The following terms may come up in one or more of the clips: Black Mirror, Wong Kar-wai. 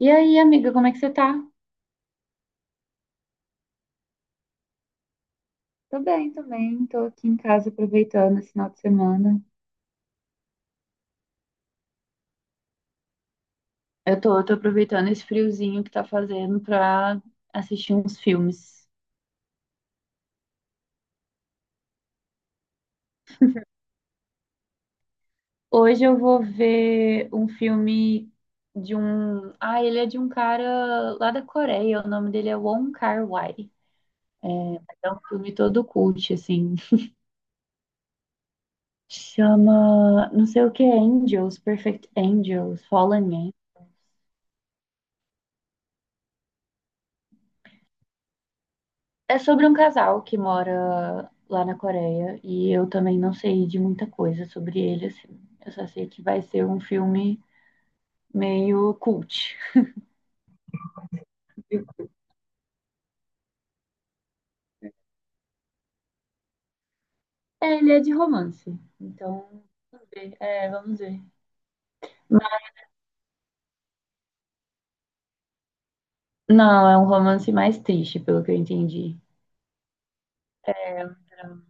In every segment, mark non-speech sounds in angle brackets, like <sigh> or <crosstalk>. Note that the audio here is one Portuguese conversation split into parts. E aí, amiga, como é que você tá? Tô bem, tô bem. Tô aqui em casa aproveitando esse final de semana. Eu tô aproveitando esse friozinho que tá fazendo pra assistir uns filmes. Hoje eu vou ver um filme de um. Ah, ele é de um cara lá da Coreia. O nome dele é Wong Kar-wai. É um filme todo cult, assim. Chama. Não sei o que é Angels, Perfect Angels, Fallen. É sobre um casal que mora lá na Coreia e eu também não sei de muita coisa sobre ele, assim. Eu só sei que vai ser um filme meio cult. É, ele é de romance, então vamos ver. É, vamos ver. Mas- Não, é um romance mais triste, pelo que eu entendi. É um drama.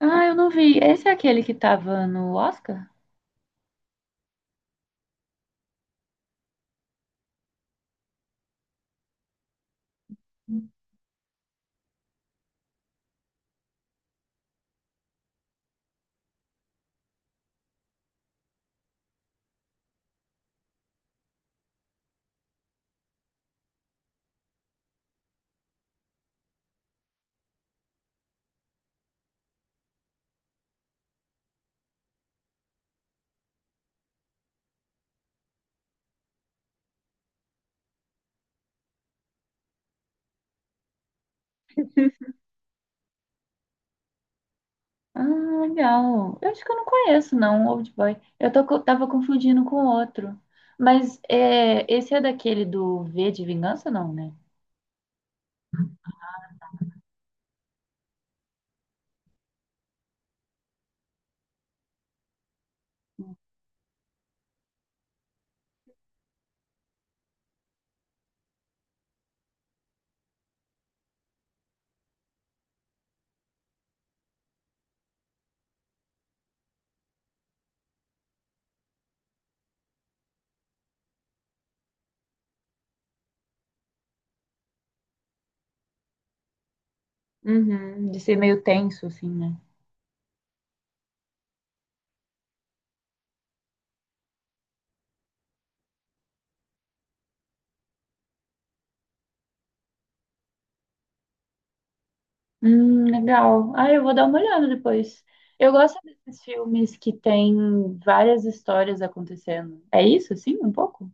Ah, eu não vi. Esse é aquele que tava no Oscar? Ah, legal. Eu acho que eu não conheço, não, Old Boy. Tava confundindo com outro. Mas é, esse é daquele do V de Vingança, não, né? Uhum, de ser meio tenso, assim, né? Legal. Ah, eu vou dar uma olhada depois. Eu gosto desses filmes que tem várias histórias acontecendo. É isso, assim, um pouco?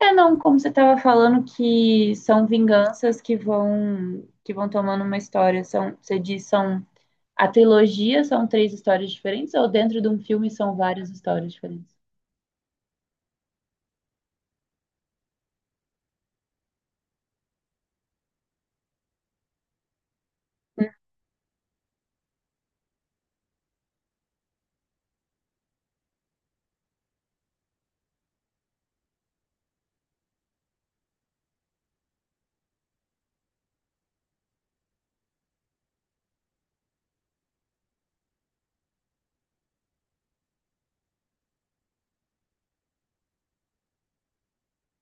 É, não, como você estava falando que são vinganças que vão tomando uma história, são, você diz, são. A trilogia são três histórias diferentes ou dentro de um filme são várias histórias diferentes?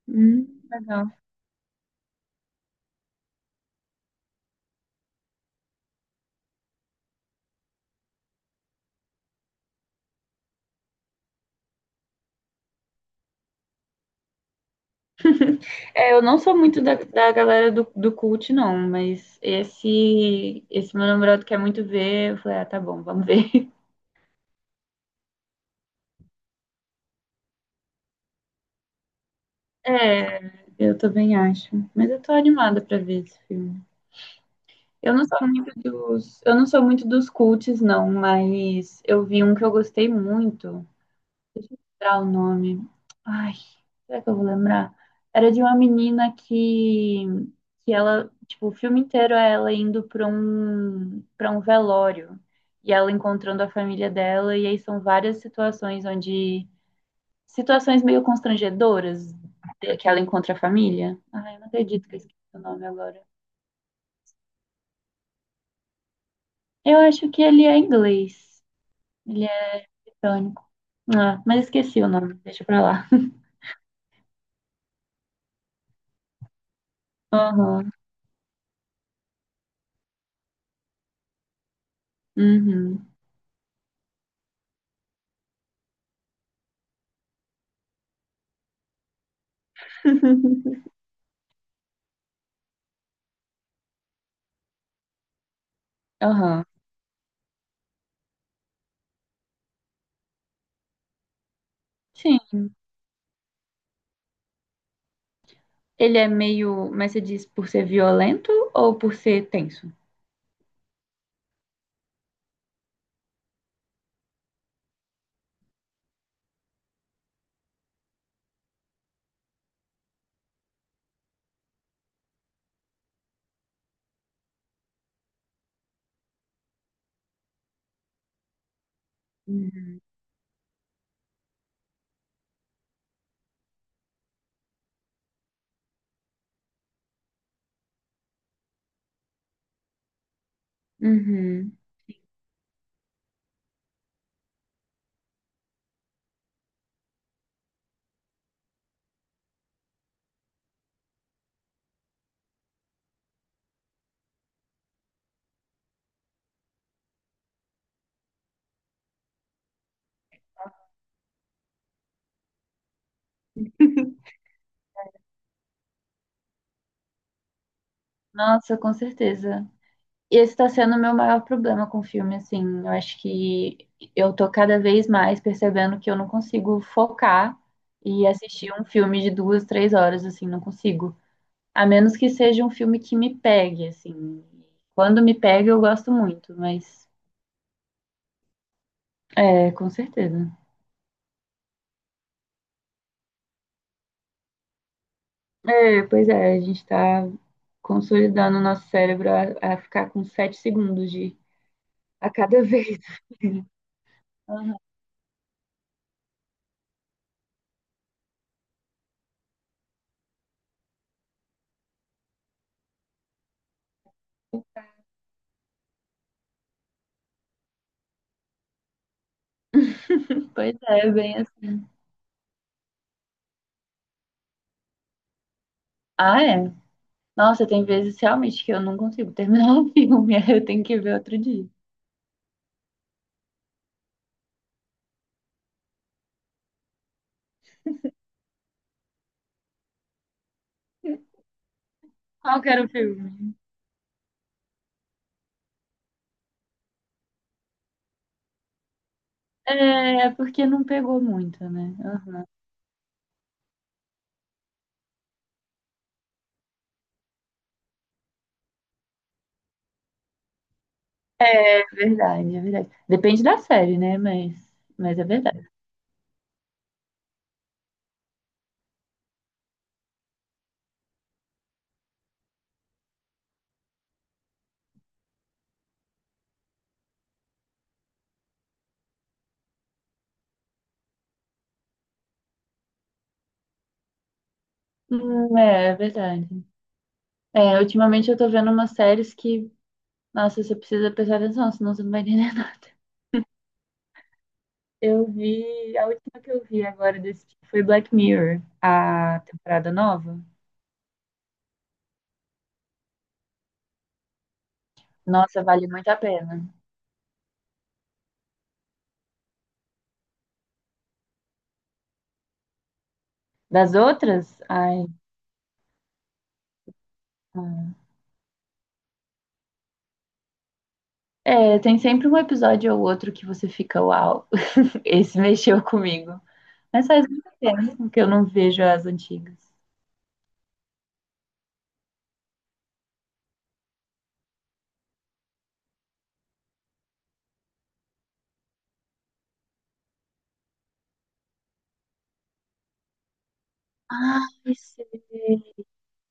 Legal. <laughs> É, eu não sou muito da galera do cult, não, mas esse meu namorado quer muito ver. Eu falei, ah, tá bom, vamos ver. <laughs> É, eu também acho. Mas eu tô animada pra ver esse filme. Eu não sou muito dos, eu não sou muito dos cults, não, mas eu vi um que eu gostei muito. Deixa eu lembrar o nome. Ai, será que eu vou lembrar? Era de uma menina que ela, tipo, o filme inteiro é ela indo para um velório e ela encontrando a família dela, e aí são várias situações onde, situações meio constrangedoras que ela encontra a família. Ai, eu não acredito que eu esqueci o nome agora. Eu acho que ele é inglês, ele é britânico. Ah, mas esqueci o nome, deixa pra lá. Aham, uhum, <laughs> aham. Sim. Ele é meio. Mas você diz por ser violento ou por ser tenso? Uhum. Uhum. Nossa, com certeza. E esse está sendo o meu maior problema com o filme, assim. Eu acho que eu tô cada vez mais percebendo que eu não consigo focar e assistir um filme de 2, 3 horas, assim, não consigo. A menos que seja um filme que me pegue, assim. Quando me pega, eu gosto muito, mas é, com certeza. É, pois é, a gente está consolidando o nosso cérebro a ficar com 7 segundos de a cada <laughs> vez. Aham. Pois é, bem assim. Ah, é? Nossa, tem vezes realmente que eu não consigo terminar o filme, <laughs> aí eu tenho que ver outro dia. Qual que era o filme? É, porque não pegou muito, né? Aham. Verdade, é verdade. Depende da série, né? Mas é verdade. É, é verdade. É, ultimamente eu tô vendo umas séries que, nossa, você precisa prestar atenção, senão você não vai entender. Eu vi, a última que eu vi agora desse tipo foi Black Mirror, a temporada nova. Nossa, vale muito a pena. Das outras, ai. Hum. É, tem sempre um episódio ou outro que você fica, uau, <laughs> esse mexeu comigo. Mas faz muito tempo que eu não vejo as antigas. Ai, sei,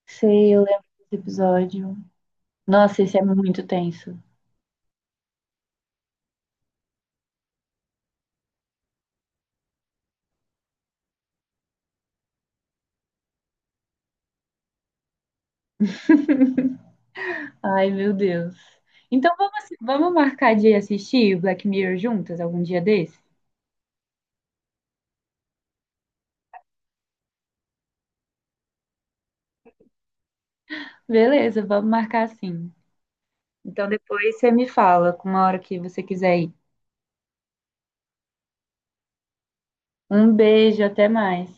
sei, eu lembro desse episódio. Nossa, esse é muito tenso. Ai, meu Deus. Então vamos, vamos marcar de assistir Black Mirror juntas algum dia desse? Beleza, vamos marcar assim. Então depois você me fala com uma hora que você quiser ir. Um beijo, até mais.